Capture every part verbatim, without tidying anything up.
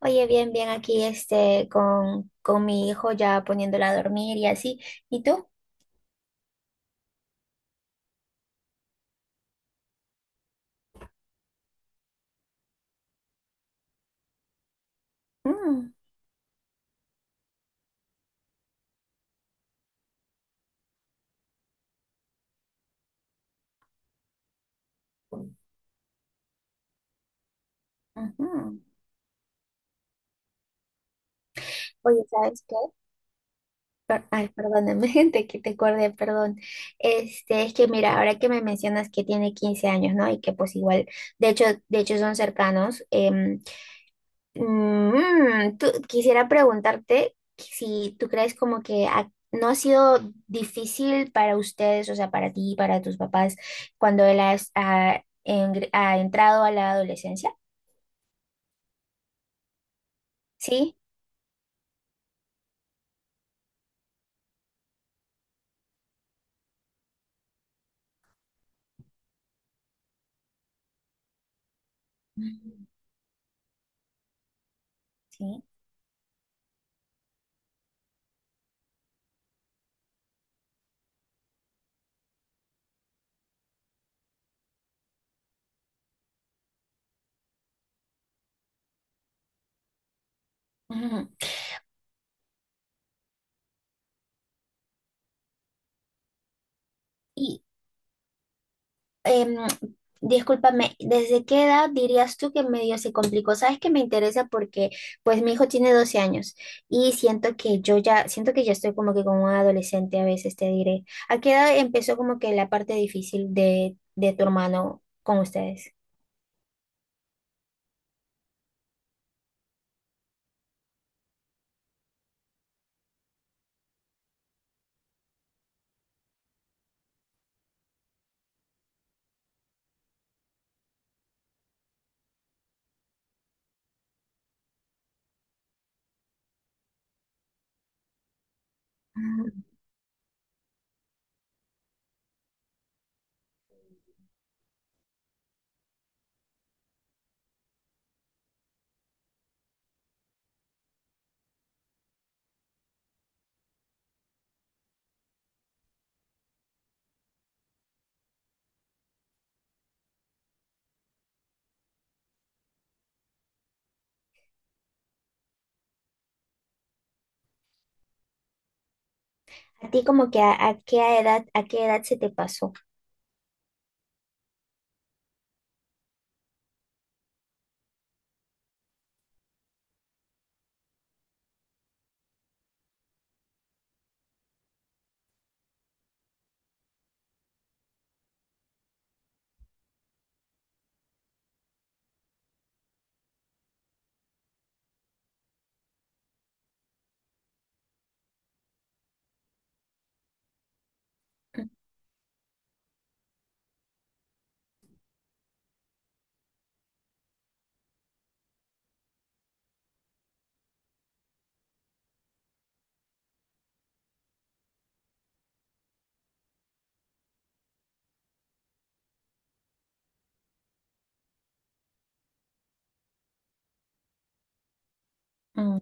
Oye, bien, bien aquí este con, con mi hijo ya poniéndola a dormir y así. ¿Y tú? Mm, ujú. Oye, ¿sabes qué? Per- Ay, perdóname, gente, que te acordé, perdón. Este, es que mira, ahora que me mencionas que tiene quince años, ¿no? Y que pues igual, de hecho, de hecho son cercanos. em, Mm, tú- quisiera preguntarte si tú crees como que ha- no ha sido difícil para ustedes, o sea, para ti, para tus papás, cuando él has- ha, engr- ha entrado a la adolescencia. Sí. Mm. Sí. Ujú. em, discúlpame, ¿desde qué edad dirías tú que medio se complicó? Sabes que me interesa porque pues mi hijo tiene doce años y siento que yo ya, siento que ya estoy como que como un adolescente a veces, te diré. ¿A qué edad empezó como que la parte difícil de, de tu hermano con ustedes? Mm. ¿A ti como que a, a qué edad, a qué edad se te pasó? Mm,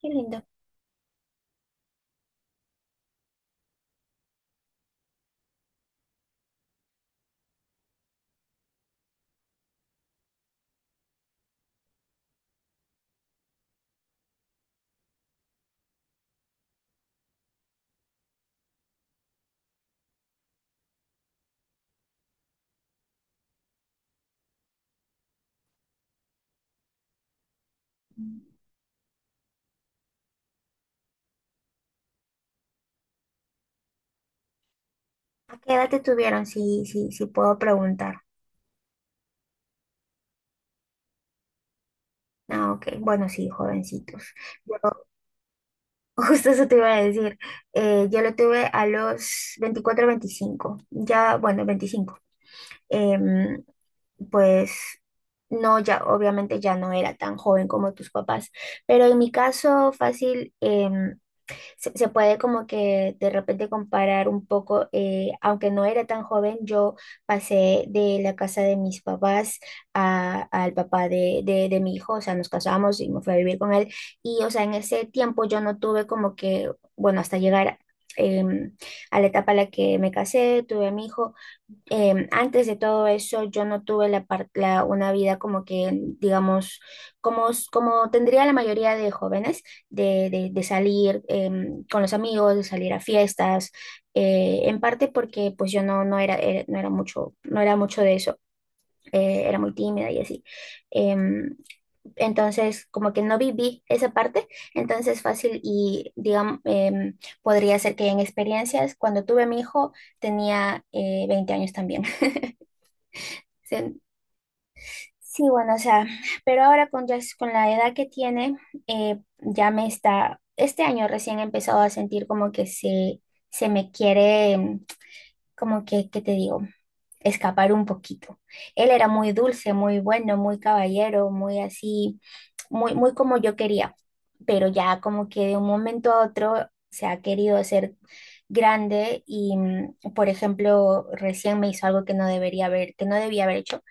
qué lindo. ¿A qué edad te tuvieron? Si, si, si puedo preguntar. Ah, ok. Bueno, sí, jovencitos. Justo eso te iba a decir. Eh, yo lo tuve a los veinticuatro, veinticinco. Ya, bueno, veinticinco. Em, pues no, ya, obviamente ya no era tan joven como tus papás. Pero en mi caso, fácil, em, se, se puede como que de repente comparar un poco, eh, aunque no era tan joven, yo pasé de la casa de mis papás a- al papá de, de, de mi hijo, o sea, nos casamos y me fui a vivir con él y, o sea, en ese tiempo yo no tuve como que, bueno, hasta llegar em, a la etapa a la que me casé, tuve a mi hijo, em, antes de todo eso, yo no tuve la, par- la- una vida como que, digamos, como, s- como tendría la mayoría de jóvenes, de, de- de salir em, con los amigos, de salir a fiestas, eh, en parte porque pues yo no, no era, era- no era- mucho, no era mucho de eso, eh, era muy tímida y así. Em, entonces, como que no viví esa parte, entonces fácil y, digamos, em, podría ser que en experiencias, cuando tuve a mi hijo, tenía eh, veinte años también. Se- Sí, bueno, o sea, pero ahora con, ya- con la edad que tiene, eh, ya me está, este año recién he empezado a sentir como que se, se me quiere, mm, como que, ¿qué te digo? Escapar un poquito. Él era muy dulce, muy bueno, muy caballero, muy así, muy, muy como yo quería, pero ya como que de un momento a otro se ha querido hacer grande y, mm, por ejemplo, recién me hizo algo que no debería haber, que no debía haber hecho.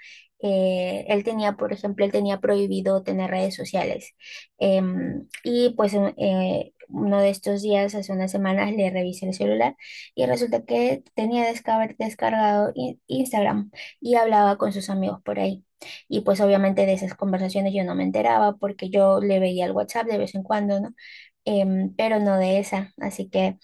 Eh, él tenía, por ejemplo, él tenía prohibido tener redes sociales. Em, y pues en- eh, uno de estos días, hace unas semanas, le revisé el celular y resulta que tenía descar- descargado in- Instagram y hablaba con sus amigos por ahí. Y pues obviamente de esas conversaciones yo no me enteraba porque yo le veía el WhatsApp de vez en cuando, ¿no? Em, pero no de esa. Así que,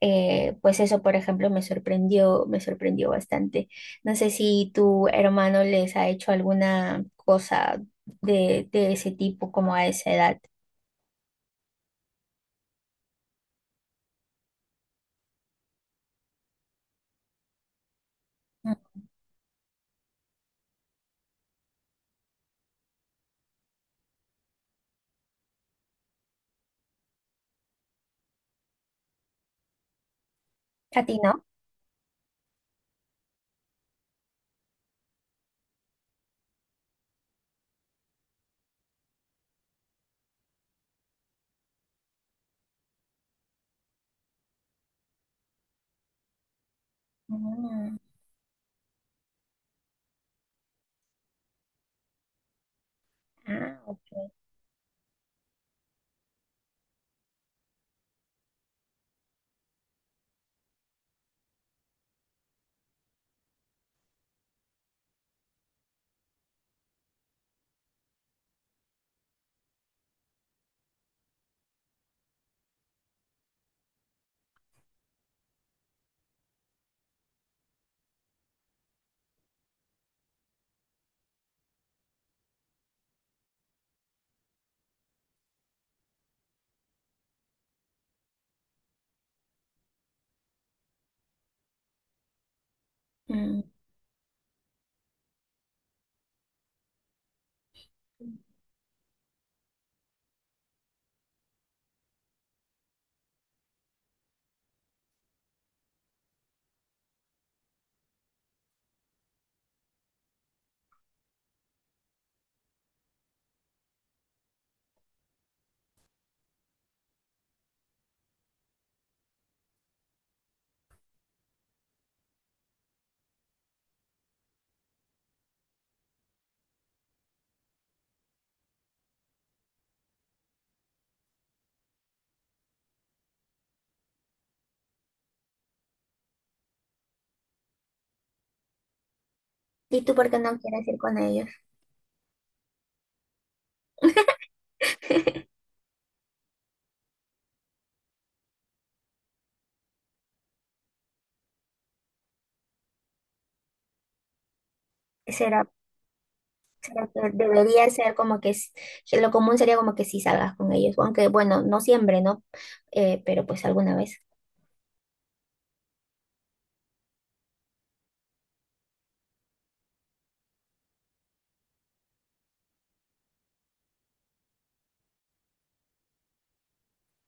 eh, pues eso, por ejemplo, me sorprendió, me sorprendió bastante. No sé si tu hermano les ha hecho alguna cosa de, de ese tipo como a esa edad. Mm. A ti no. Mm. Ah, ok. Mm. ¿Y tú por qué no quieres ir con ellos? ¿Será, será que debería ser como que, s- que lo común sería como que sí salgas con ellos? Aunque bueno, no siempre, ¿no? Eh, pero pues alguna vez.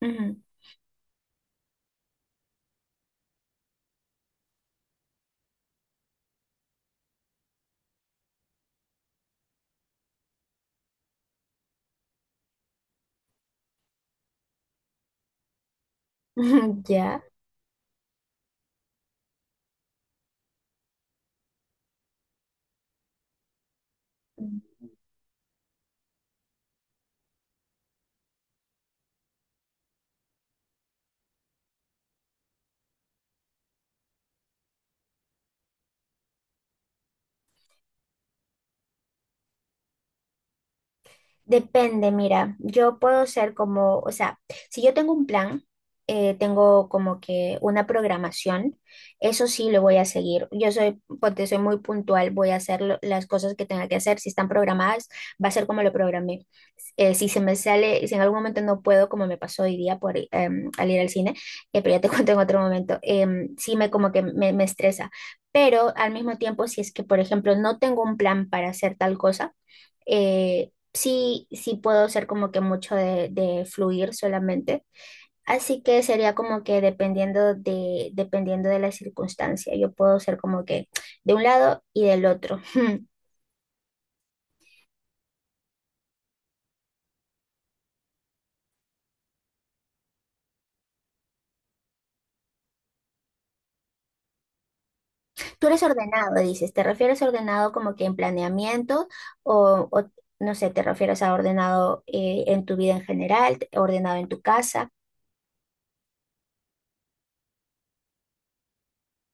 Ujú. Ya. Depende, mira, yo puedo ser como, o sea, si yo tengo un plan, eh, tengo como que una programación, eso sí lo voy a seguir. Yo soy, porque soy muy puntual, voy a hacer lo- las cosas que tenga que hacer. Si están programadas, va a ser como lo programé. Eh, si se me sale, si en algún momento no puedo, como me pasó hoy día por, em, al ir al cine, eh, pero ya te cuento en otro momento, em, sí me como que me me estresa. Pero al mismo tiempo, si es que, por ejemplo, no tengo un plan para hacer tal cosa, eh, sí, sí puedo ser como que mucho de, de fluir solamente. Así que sería como que dependiendo de, dependiendo de la circunstancia, yo puedo ser como que de un lado y del otro. Tú eres ordenado, dices, ¿te refieres a ordenado como que en planeamiento o, o, no sé, te refieres a ordenado eh, en tu vida en general, ordenado en tu casa?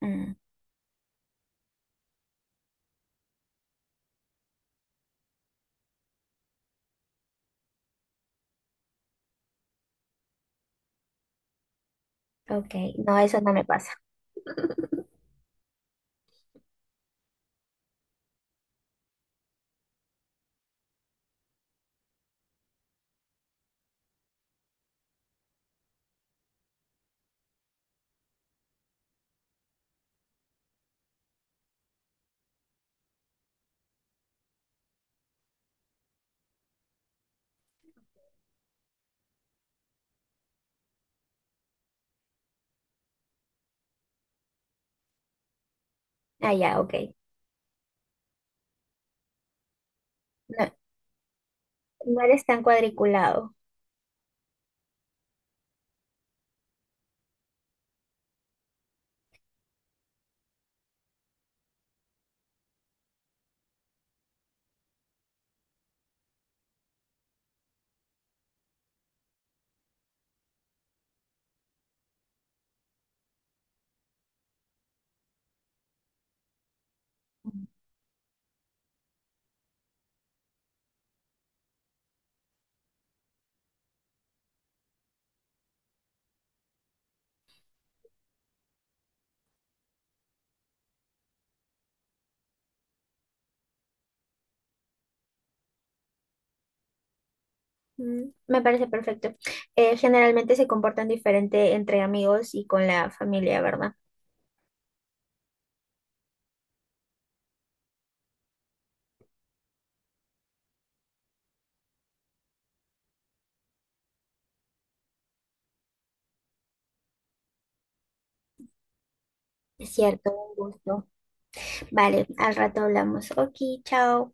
Mm, ok, no, eso no me pasa. Ah, ya, ok. No, no eres tan cuadriculado. Mm, me parece perfecto. Eh, generalmente se comportan diferente entre amigos y con la familia, ¿verdad? Es cierto, un gusto. Vale, al rato hablamos. Ok, chao.